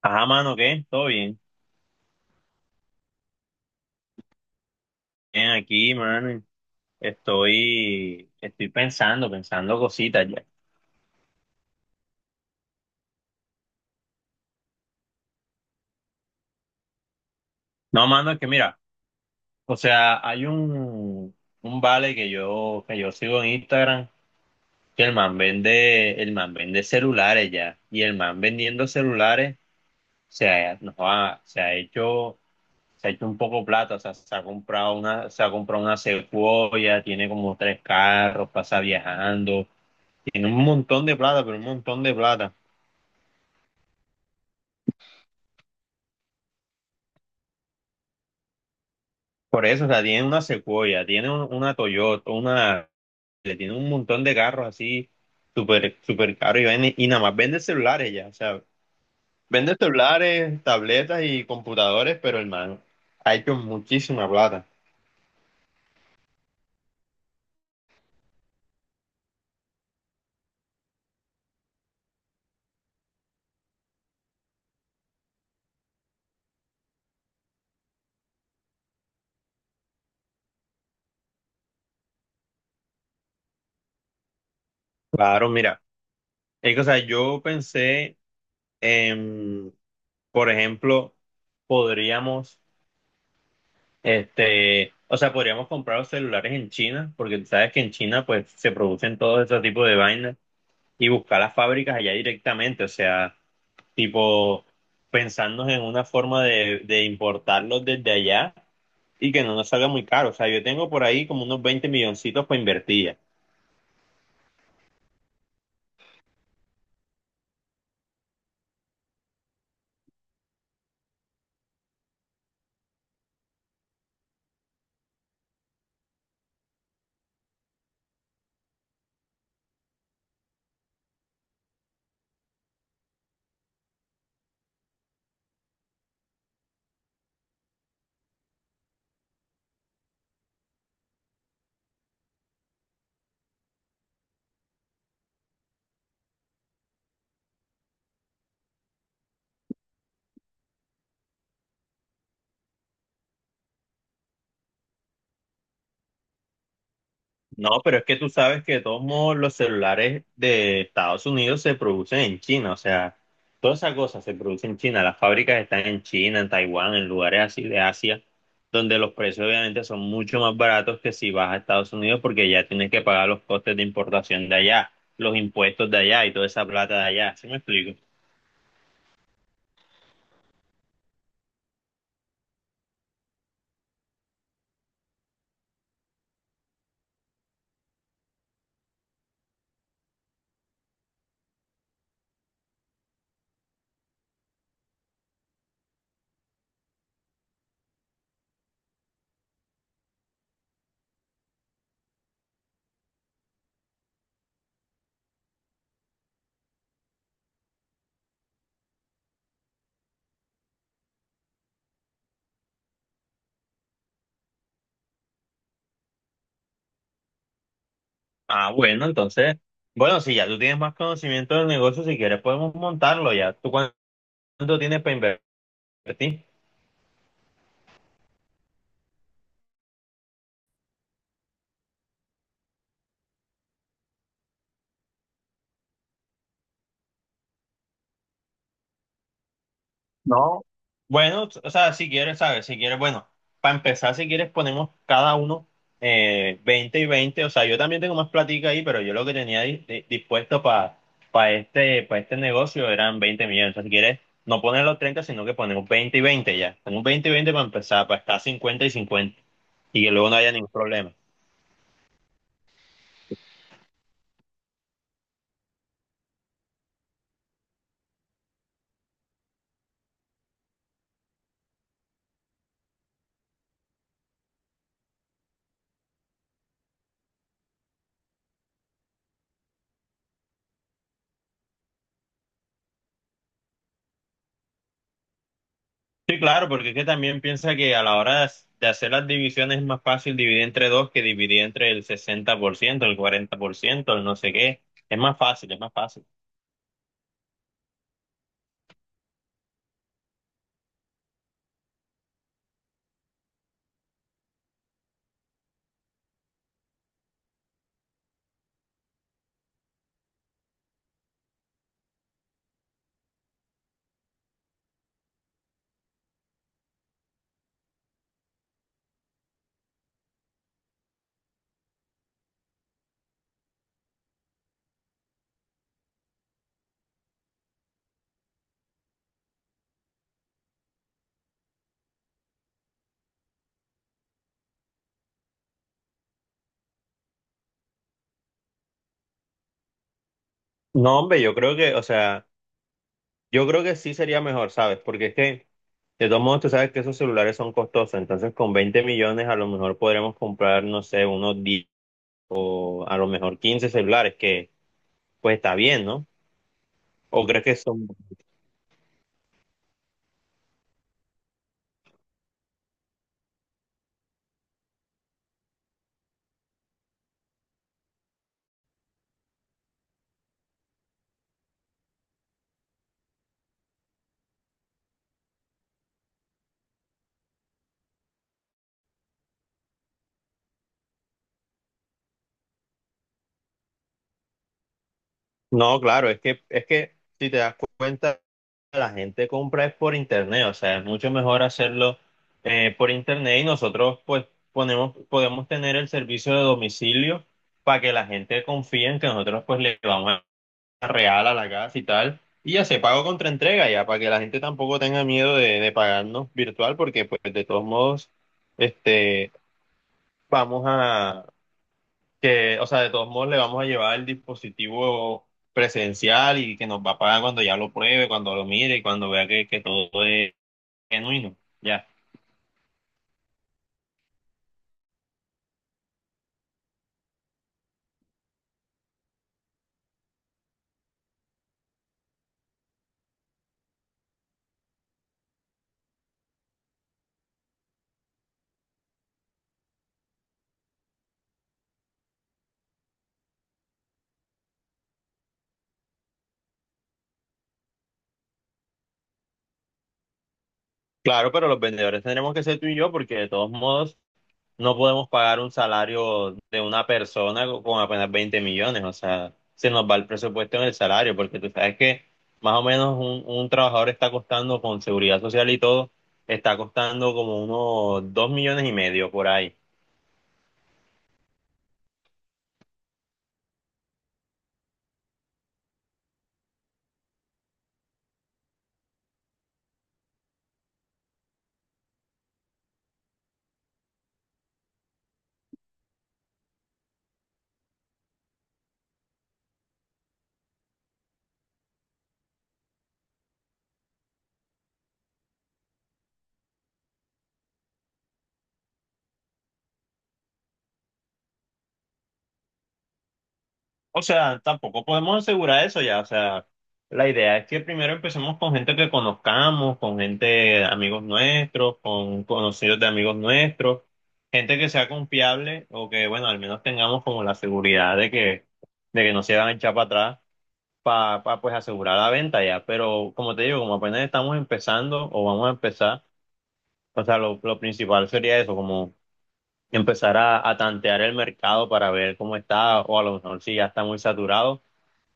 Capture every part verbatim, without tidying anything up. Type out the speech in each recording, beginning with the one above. Ajá, mano, ¿qué? ¿Todo bien? Bien, aquí, mano. Estoy, estoy pensando, pensando cositas ya. No, mano, es que mira, o sea, hay un, un vale que yo, que yo sigo en Instagram, que el man vende, el man vende celulares ya. Y el man vendiendo celulares se ha, no, ah, se ha hecho, se ha hecho un poco plata. O sea, se ha comprado una, se ha comprado una Sequoia, tiene como tres carros, pasa viajando, tiene un montón de plata, pero un montón de plata. Por eso, o sea, tiene una Sequoia, tiene un- una Toyota, una, le tiene un montón de carros así, súper, súper caros y, vende- y nada más vende celulares ya, o sea, vende celulares, tabletas y computadores, pero hermano, ha hecho muchísima plata. Claro, mira, es que, o sea, yo pensé en, por ejemplo, podríamos, este, o sea, podríamos comprar los celulares en China, porque tú sabes que en China, pues, se producen todo ese tipo de vainas. Y buscar las fábricas allá directamente, o sea, tipo pensando en una forma de, de importarlos desde allá y que no nos salga muy caro. O sea, yo tengo por ahí como unos veinte milloncitos para invertir. No, pero es que tú sabes que de todos modos los celulares de Estados Unidos se producen en China, o sea, todas esas cosas se producen en China, las fábricas están en China, en Taiwán, en lugares así de Asia, donde los precios obviamente son mucho más baratos que si vas a Estados Unidos porque ya tienes que pagar los costes de importación de allá, los impuestos de allá y toda esa plata de allá, ¿sí me explico? Ah, bueno, entonces, bueno, si ya tú tienes más conocimiento del negocio, si quieres podemos montarlo ya. ¿Tú cuánto tienes para invertir? No. Bueno, o sea, si quieres, ¿sabes? Si quieres, bueno, para empezar, si quieres, ponemos cada uno eh, veinte y veinte. O sea, yo también tengo más platica ahí, pero yo lo que tenía di- di- dispuesto para este, para este negocio eran veinte millones. O sea, si quieres, no poner los treinta sino que ponemos veinte y veinte ya. Ponemos veinte y veinte para empezar, para estar cincuenta y cincuenta. Y que luego no haya ningún problema. Sí, claro, porque es que también piensa que a la hora de hac- de hacer las divisiones es más fácil dividir entre dos que dividir entre el sesenta por ciento, el cuarenta por ciento, el no sé qué. Es más fácil, es más fácil. No, hombre, yo creo que, o sea, yo creo que sí sería mejor, ¿sabes? Porque es que, de todos modos, tú sabes que esos celulares son costosos, entonces con veinte millones a lo mejor podremos comprar, no sé, unos diez o a lo mejor quince celulares, que pues está bien, ¿no? ¿O crees que son...? No, claro, es que, es que si te das cuenta... La gente compra es por internet, o sea, es mucho mejor hacerlo eh, por internet y nosotros pues ponemos, podemos tener el servicio de domicilio para que la gente confíe en que nosotros pues le vamos a real a la casa y tal, y ya se pago contra entrega ya, para que la gente tampoco tenga miedo de, de pagarnos virtual, porque pues de todos modos, este, vamos a, que, o sea, de todos modos le vamos a llevar el dispositivo presencial y que nos va a pagar cuando ya lo pruebe, cuando lo mire y cuando vea que, que todo es genuino, ya. Claro, pero los vendedores tendremos que ser tú y yo porque de todos modos no podemos pagar un salario de una persona co- con apenas veinte millones. O sea, se nos va el presupuesto en el salario porque tú sabes que más o menos un, un trabajador está costando con seguridad social y todo, está costando como unos dos millones y medio por ahí. O sea, tampoco podemos asegurar eso ya. O sea, la idea es que primero empecemos con gente que conozcamos, con gente, amigos nuestros, con conocidos de amigos nuestros, gente que sea confiable o que, bueno, al menos tengamos como la seguridad de que, de que, no se van a echar para atrás para, pues asegurar la venta ya. Pero como te digo, como apenas estamos empezando o vamos a empezar, o sea, lo, lo principal sería eso, como empezar a, a tantear el mercado para ver cómo está o a lo mejor si ya está muy saturado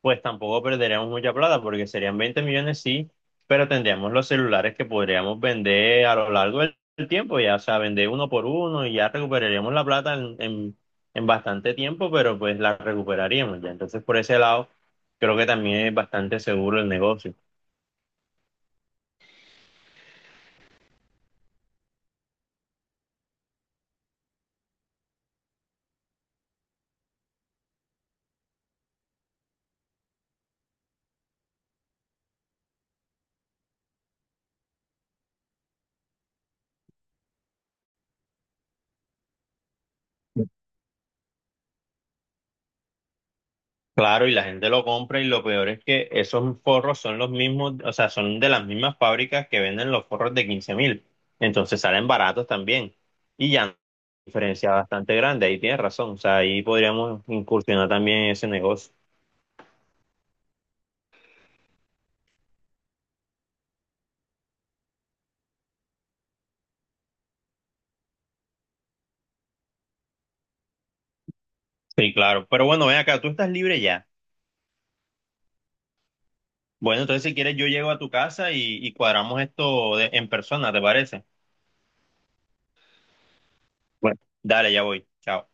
pues tampoco perderíamos mucha plata porque serían veinte millones, sí, pero tendríamos los celulares que podríamos vender a lo largo del del tiempo, ya, o sea, vender uno por uno y ya recuperaríamos la plata en, en, en bastante tiempo, pero pues la recuperaríamos ya. Entonces, por ese lado, creo que también es bastante seguro el negocio. Claro, y la gente lo compra y lo peor es que esos forros son los mismos, o sea, son de las mismas fábricas que venden los forros de quince mil. Entonces salen baratos también. Y ya una diferencia bastante grande, ahí tienes razón. O sea, ahí podríamos incursionar también en ese negocio. Sí, claro. Pero bueno, ven acá, tú estás libre ya. Bueno, entonces si quieres yo llego a tu casa y, y cuadramos esto de- en persona, ¿te parece? Bueno. Dale, ya voy. Chao.